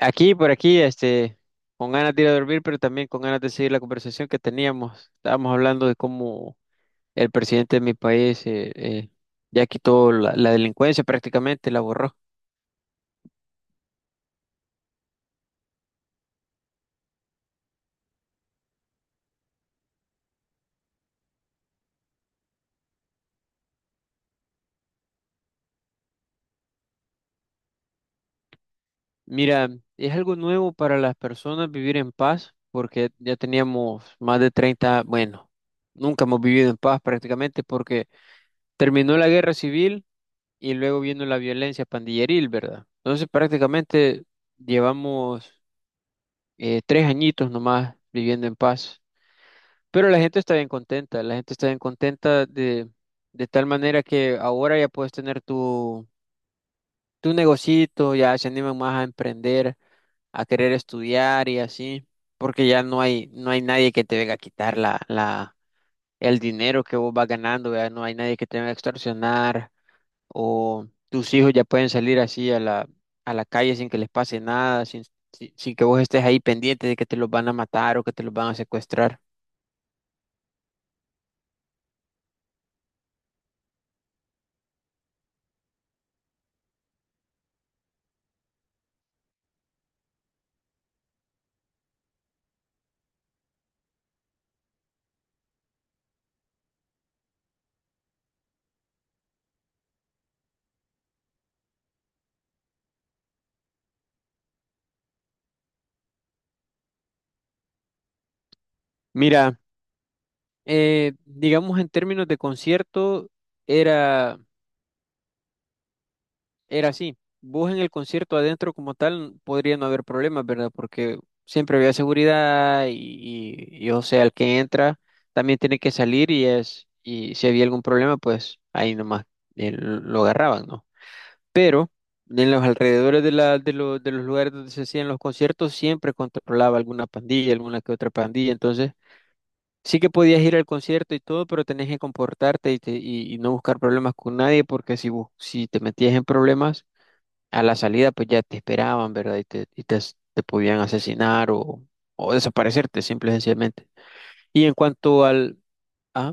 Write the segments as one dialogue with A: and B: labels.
A: Aquí, por aquí, con ganas de ir a dormir, pero también con ganas de seguir la conversación que teníamos. Estábamos hablando de cómo el presidente de mi país ya quitó la delincuencia prácticamente, la borró. Mira, es algo nuevo para las personas vivir en paz, porque ya teníamos más de 30 bueno, nunca hemos vivido en paz prácticamente porque terminó la guerra civil y luego vino la violencia pandilleril, ¿verdad? Entonces prácticamente llevamos... tres añitos nomás viviendo en paz. Pero la gente está bien contenta, la gente está bien contenta de tal manera que ahora ya puedes tener tu negocito, ya se animan más a emprender, a querer estudiar y así, porque no hay nadie que te venga a quitar el dinero que vos vas ganando, ya no hay nadie que te venga a extorsionar o tus hijos ya pueden salir así a la calle sin que les pase nada, sin que vos estés ahí pendiente de que te los van a matar o que te los van a secuestrar. Mira, digamos en términos de concierto, era, era así. Vos en el concierto adentro como tal podría no haber problemas, ¿verdad? Porque siempre había seguridad y, o sea, el que entra también tiene que salir y y si había algún problema, pues ahí nomás lo agarraban, ¿no? Pero en los alrededores de, la, de, lo- de los lugares donde se hacían los conciertos siempre controlaba alguna pandilla, alguna que otra pandilla, entonces sí que podías ir al concierto y todo, pero tenías que comportarte y y no buscar problemas con nadie, porque si te metías en problemas, a la salida pues ya te esperaban, ¿verdad? Te podían asesinar o desaparecerte simple y sencillamente. Y en cuanto al... ¿Ah?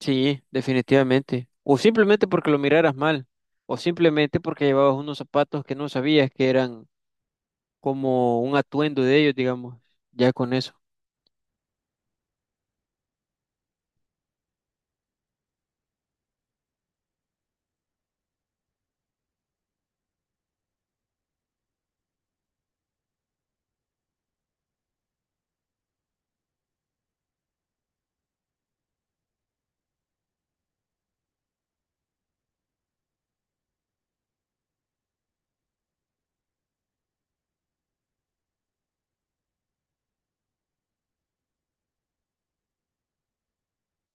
A: Sí, definitivamente. O simplemente porque lo miraras mal. O simplemente porque llevabas unos zapatos que no sabías que eran como un atuendo de ellos, digamos. Ya con eso.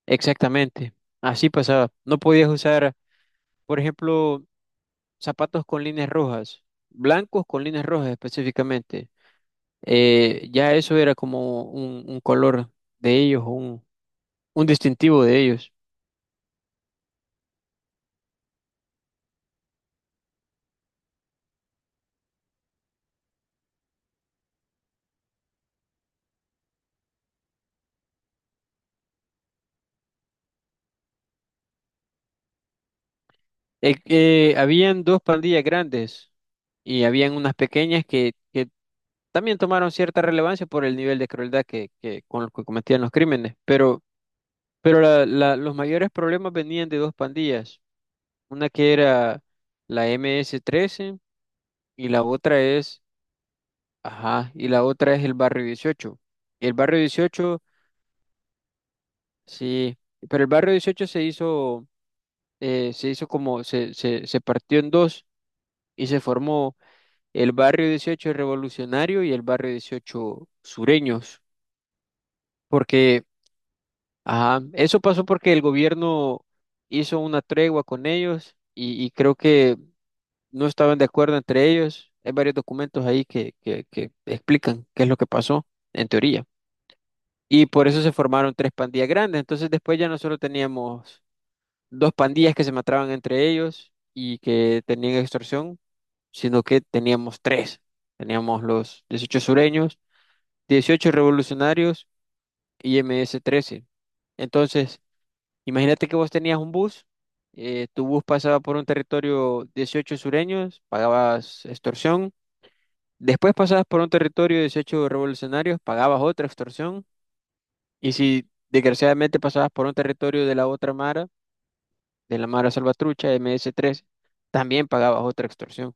A: Exactamente. Así pasaba. No podías usar, por ejemplo, zapatos con líneas rojas. Blancos con líneas rojas específicamente. Ya eso era como un color de ellos, un distintivo de ellos. Habían dos pandillas grandes y habían unas pequeñas que también tomaron cierta relevancia por el nivel de crueldad con los que cometían los crímenes, pero los mayores problemas venían de dos pandillas, una que era la MS-13, y la otra es, ajá, y la otra es el Barrio 18. El Barrio 18, sí, pero el Barrio 18 se hizo, eh, se hizo como, se partió en dos y se formó el Barrio 18 Revolucionario y el Barrio 18 Sureños. Porque ajá, eso pasó porque el gobierno hizo una tregua con ellos y creo que no estaban de acuerdo entre ellos. Hay varios documentos ahí que explican qué es lo que pasó, en teoría. Y por eso se formaron tres pandillas grandes. Entonces después ya nosotros teníamos dos pandillas que se mataban entre ellos y que tenían extorsión, sino que teníamos tres. Teníamos los dieciocho sureños, dieciocho revolucionarios y ms trece. Entonces... Imagínate que vos tenías un bus, tu bus pasaba por un territorio dieciocho sureños, pagabas extorsión, después pasabas por un territorio dieciocho revolucionarios, pagabas otra extorsión, y si desgraciadamente pasabas por un territorio de la otra Mara, de la Mara Salvatrucha, ms tres, también pagabas otra extorsión.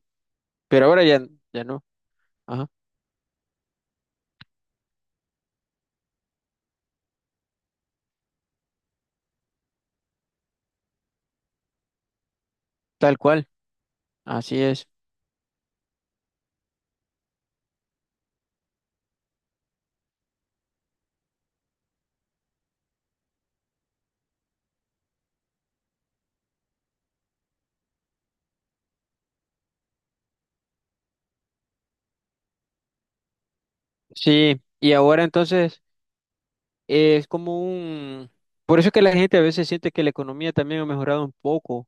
A: Pero ya no, ajá, tal cual, así es. Sí, y ahora entonces es como un... Por eso es que la gente a veces siente que la economía también ha mejorado un poco.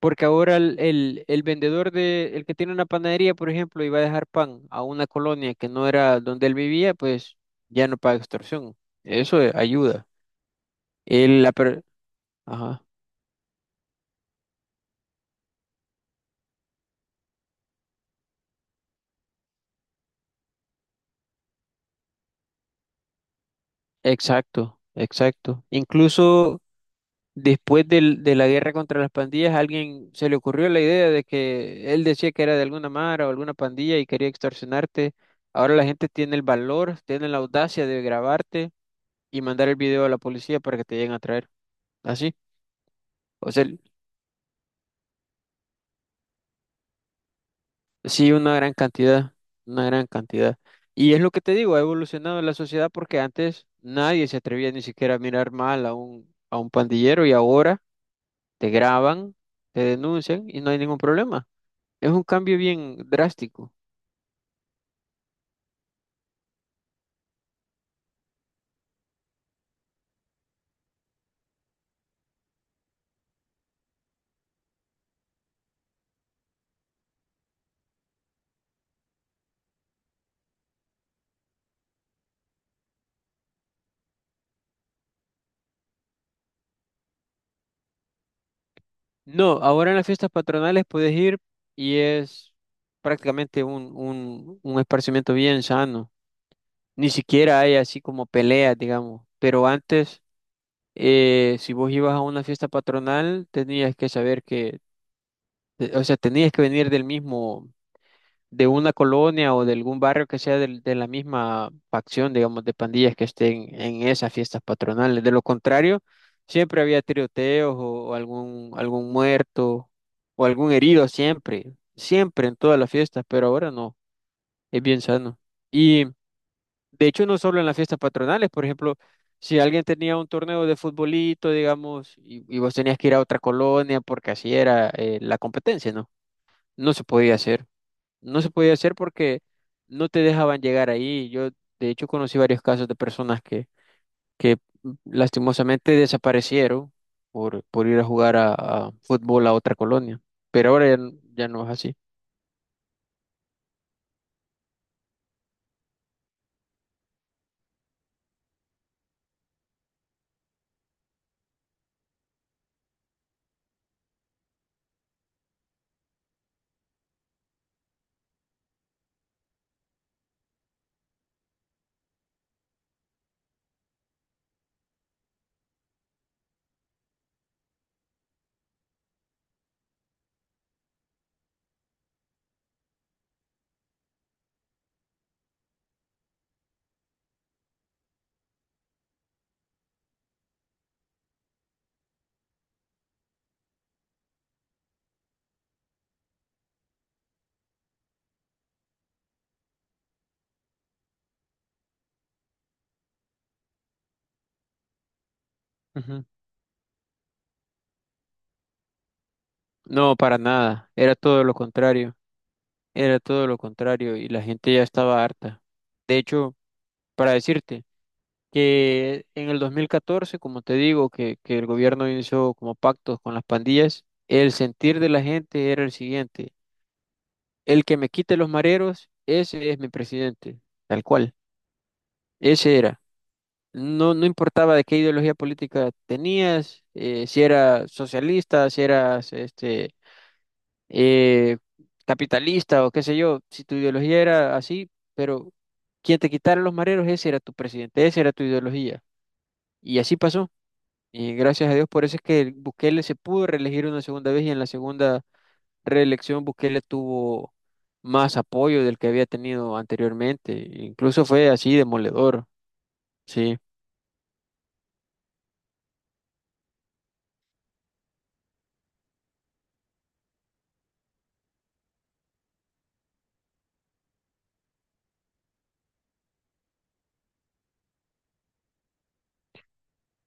A: Porque ahora el vendedor de, el que tiene una panadería, por ejemplo, y va a dejar pan a una colonia que no era donde él vivía, pues ya no paga extorsión. Eso ayuda. el la per- Ajá, exacto, exacto. Incluso después de la guerra contra las pandillas, a alguien se le ocurrió la idea de que él decía que era de alguna mara o alguna pandilla y quería extorsionarte. Ahora la gente tiene el valor, tiene la audacia de grabarte y mandar el video a la policía para que te lleguen a traer. Así. O sea, sí, una gran cantidad, una gran cantidad. Y es lo que te digo, ha evolucionado la sociedad porque antes nadie se atrevía ni siquiera a mirar mal a a un pandillero y ahora te graban, te denuncian y no hay ningún problema. Es un cambio bien drástico. No, ahora en las fiestas patronales puedes ir y es prácticamente un esparcimiento bien sano. Ni siquiera hay así como peleas, digamos. Pero antes, si vos ibas a una fiesta patronal, tenías que saber que o sea, tenías que venir del mismo, de una colonia o de algún barrio que sea de la misma facción, digamos, de pandillas que estén en esas fiestas patronales. De lo contrario, siempre había tiroteos o algún, algún muerto o algún herido, siempre, siempre en todas las fiestas, pero ahora no, es bien sano. Y de hecho, no solo en las fiestas patronales, por ejemplo, si alguien tenía un torneo de futbolito, digamos, y vos tenías que ir a otra colonia porque así era la competencia, ¿no? No se podía hacer no se podía hacer porque no te dejaban llegar ahí. Yo, de hecho, conocí varios casos de personas que lastimosamente desaparecieron por ir a jugar a fútbol a otra colonia. Pero ahora ya, ya no es así. Ujú. No, para nada. Era todo lo contrario. Era todo lo contrario y la gente ya estaba harta. De hecho, para decirte que en el 2014 como te digo, que el gobierno inició como pactos con las pandillas, el sentir de la gente era el siguiente. El que me quite los mareros, ese es mi presidente, tal cual. Ese era. No, no importaba de qué ideología política tenías, si eras socialista, si eras eh, capitalista o qué sé yo, si tu ideología era así, pero quien te quitara los mareros, ese era tu presidente, esa era tu ideología. Y así pasó. Y gracias a Dios, por eso es que Bukele se pudo reelegir una segunda vez y en la segunda reelección Bukele tuvo más apoyo del que había tenido anteriormente. Incluso fue así demoledor, sí.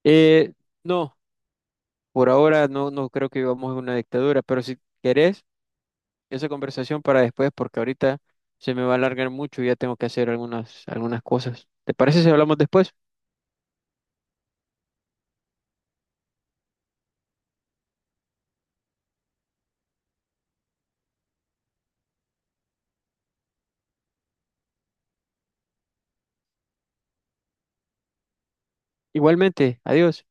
A: Eh, no, por ahora no, no creo que vivamos en una dictadura, pero si querés, esa conversación para después, porque ahorita se me va a alargar mucho y ya tengo que hacer algunas cosas. ¿Te parece si hablamos después? Igualmente, adiós.